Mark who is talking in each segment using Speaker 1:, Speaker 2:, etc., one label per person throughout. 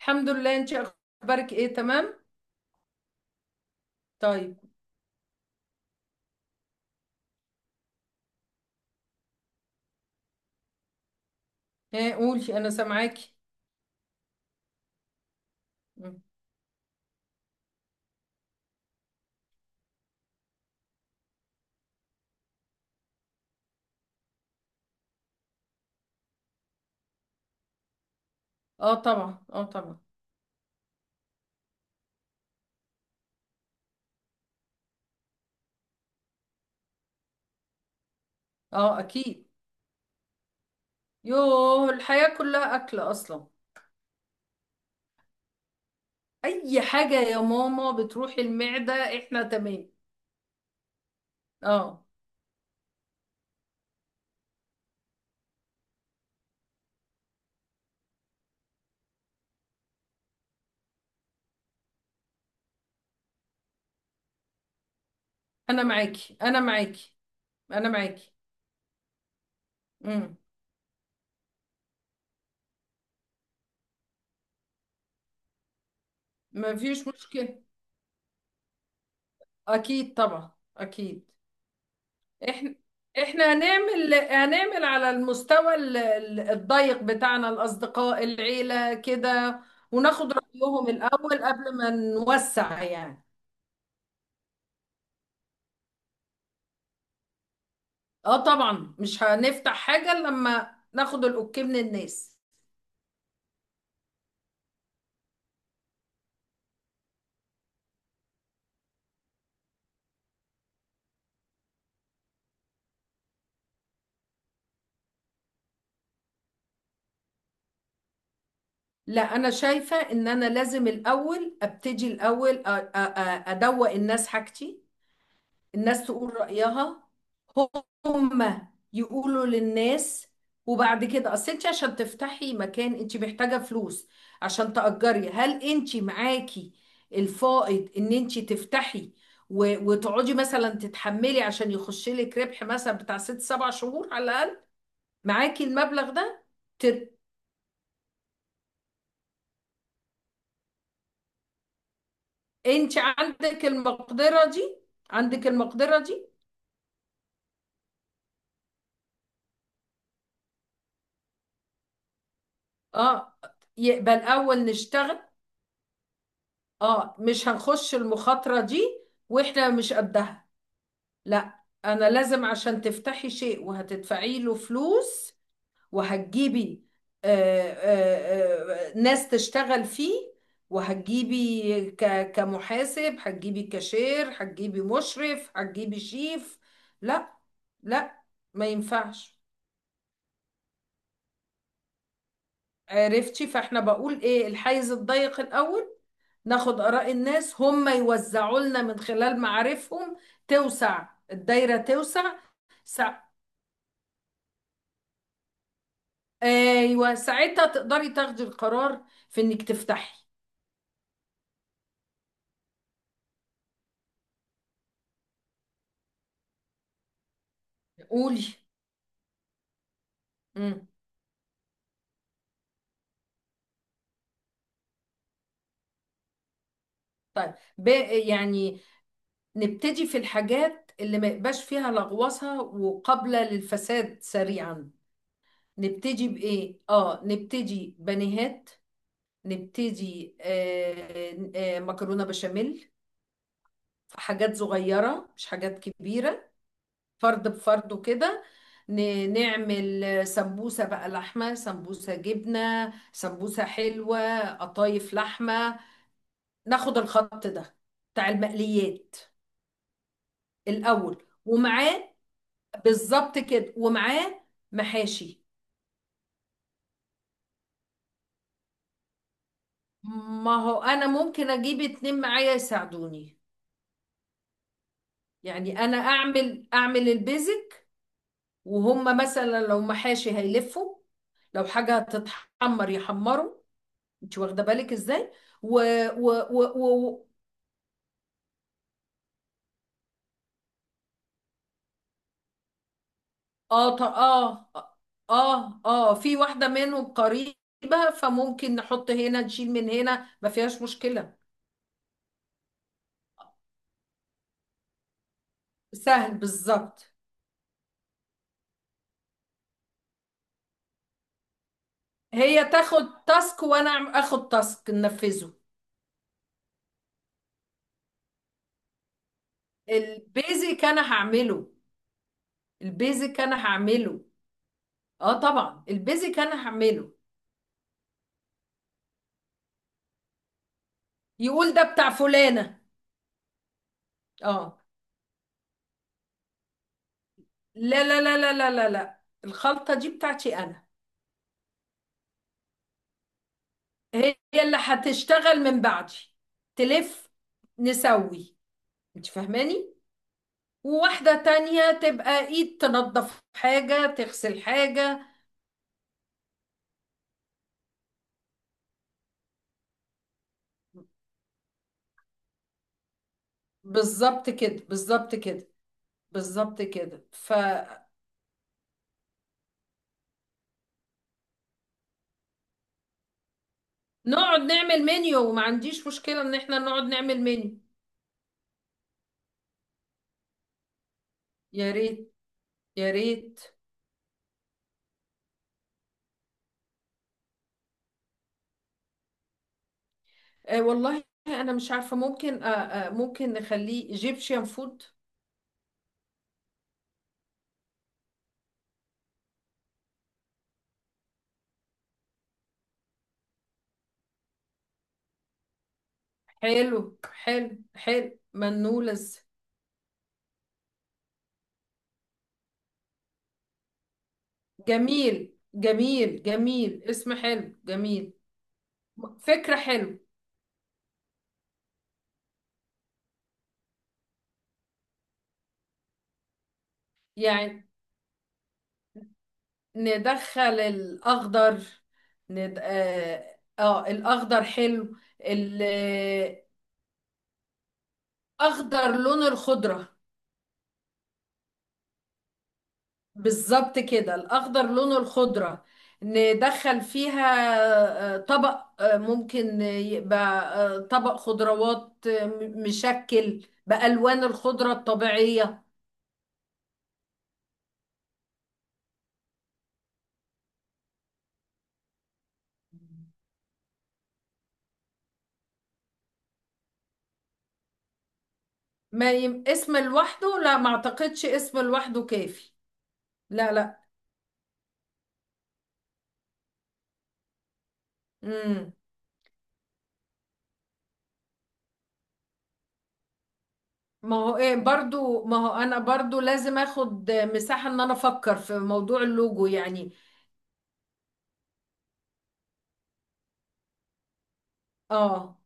Speaker 1: الحمد لله، انت اخبارك ايه؟ تمام. طيب. ها قولي، انا سامعاكي. مم. اه طبعا، اه طبعا. اه اكيد. يوه، الحياة كلها اكل اصلا. اي حاجة يا ماما بتروح المعدة. احنا تمام. اه، انا معاكي، انا معاكي، انا معاكي. امم. مفيش مشكلة. اكيد طبعا اكيد. احنا احنا هنعمل على المستوى الضيق بتاعنا، الاصدقاء، العيله كده. وناخد رايهم الاول قبل ما نوسع، يعني. اه طبعا، مش هنفتح حاجه إلا لما ناخد الاوكي من الناس. لا، انا شايفه ان انا لازم الاول ابتدي الاول، ادوق الناس حاجتي. الناس تقول رأيها، هم يقولوا للناس. وبعد كده اصل انت عشان تفتحي مكان انت محتاجة فلوس عشان تأجري. هل انت معاكي الفائض ان انت تفتحي وتقعدي مثلا تتحملي عشان يخش لك ربح مثلا بتاع ست سبع شهور على الأقل؟ معاكي المبلغ ده؟ تر... انت عندك المقدرة دي؟ عندك المقدرة دي؟ اه، يبقى الأول نشتغل. اه، مش هنخش المخاطرة دي، واحنا مش قدها. لا. انا لازم، عشان تفتحي شيء وهتدفعي له فلوس وهتجيبي ناس تشتغل فيه، وهتجيبي كمحاسب، هتجيبي كاشير، هتجيبي مشرف، هتجيبي شيف. لا، لا ما ينفعش. عرفتي؟ فاحنا بقول ايه، الحيز الضيق الاول. ناخد آراء الناس، هم يوزعوا لنا من خلال معارفهم، توسع الدايرة، توسع. سع... ايوه، ساعتها تقدري تاخدي القرار في انك تفتحي. قولي. امم. طيب، يعني نبتدي في الحاجات اللي ما يبقاش فيها لغوصة وقابلة للفساد سريعا. نبتدي بإيه؟ اه، نبتدي بانيهات، نبتدي مكرونة بشاميل، حاجات صغيرة مش حاجات كبيرة، فرد بفرد وكده. نعمل سمبوسة بقى، لحمة، سمبوسة جبنة، سمبوسة حلوة، قطايف لحمة. ناخد الخط ده بتاع المقليات الأول، ومعاه، بالظبط كده، ومعاه محاشي. ما هو أنا ممكن أجيب اتنين معايا يساعدوني. يعني أنا أعمل البيزك، وهم مثلا لو محاشي هيلفوا، لو حاجة هتتحمر يحمروا. انت واخده بالك ازاي؟ و و و, و... اه اه اه، في واحده منهم قريبه، فممكن نحط هنا نشيل من هنا، ما فيهاش مشكله. سهل بالظبط. هي تاخد تاسك وانا اخد تاسك ننفذه. البيزك انا هعمله. البيزك انا هعمله. اه طبعا، البيزك انا هعمله. يقول ده بتاع فلانه. اه، لا لا لا لا لا لا لا، الخلطه دي بتاعتي انا. هي اللي هتشتغل من بعدي، تلف، نسوي، انت فاهماني؟ وواحدة تانية تبقى ايد، تنظف حاجة تغسل حاجة. بالظبط كده، بالظبط كده، بالظبط كده، فنقعد نعمل منيو. وما عنديش مشكلة ان احنا نقعد نعمل منيو. يا ريت. يا ريت. آه والله، انا مش عارفة. ممكن آه آه ممكن نخليه ايجيبشن فود. حلو حلو حلو، منولز. جميل جميل جميل، اسم حلو جميل. فكرة حلو. يعني ندخل الأخضر. ند... آه... آه الأخضر حلو. الأخضر لون الخضرة. بالظبط كده، الأخضر لون الخضرة. ندخل فيها طبق، ممكن يبقى طبق خضروات مشكل بألوان الخضرة الطبيعية. ما يم... اسم لوحده، لا ما اعتقدش اسم لوحده كافي. لا لا. امم. ما هو انا برضو لازم اخد مساحة ان انا افكر في موضوع اللوجو، يعني. اه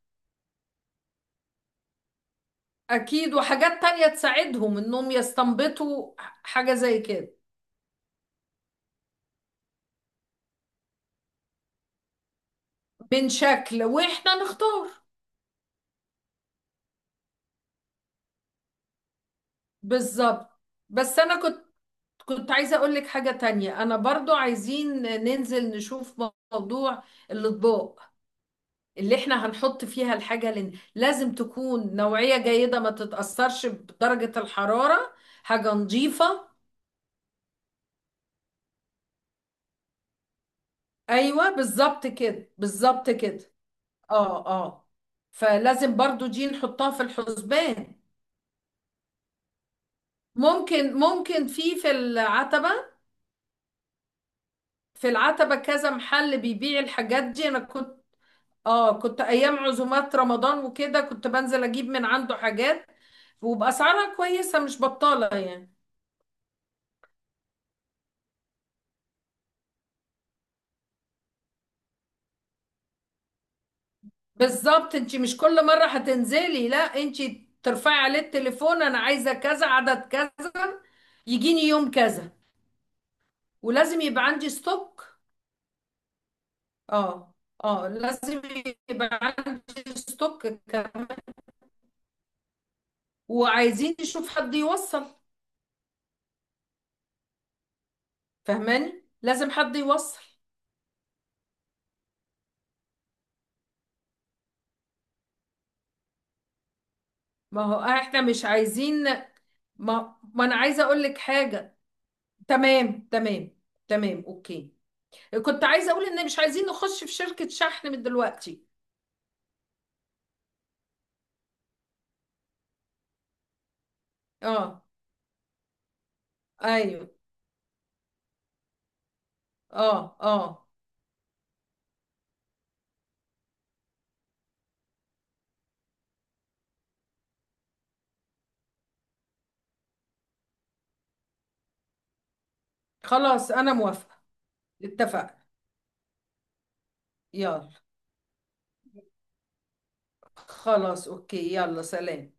Speaker 1: اكيد، وحاجات تانية تساعدهم انهم يستنبطوا حاجة زي كده، من شكل واحنا نختار. بالظبط. بس انا كنت عايزة اقول لك حاجة تانية. انا برضو عايزين ننزل نشوف موضوع الاطباق اللي احنا هنحط فيها الحاجة، لن... لازم تكون نوعية جيدة، ما تتأثرش بدرجة الحرارة، حاجة نظيفة. ايوه بالظبط كده، بالظبط كده. اه اه. فلازم برضو دي نحطها في الحسبان. ممكن في العتبة. في العتبة كذا محل بيبيع الحاجات دي. انا كنت، اه، كنت ايام عزومات رمضان وكده كنت بنزل اجيب من عنده حاجات، وبأسعارها كويسة، مش بطالة يعني. بالظبط، انت مش كل مرة هتنزلي، لا، انت ترفعي عليه التليفون، انا عايزة كذا، عدد كذا، يجيني يوم كذا. ولازم يبقى عندي ستوك. اه اه، لازم يبقى عندي ستوك كمان. وعايزين نشوف حد يوصل. فهماني، لازم حد يوصل. ما هو احنا مش عايزين، ما انا عايزة اقول لك حاجة. تمام تمام، تمام اوكي. كنت عايزة اقول ان مش عايزين نخش في شركة شحن من دلوقتي. اه. ايوه. اه اه. خلاص، انا موافقة. اتفقنا. يلا. خلاص، اوكي، يلا، سلام.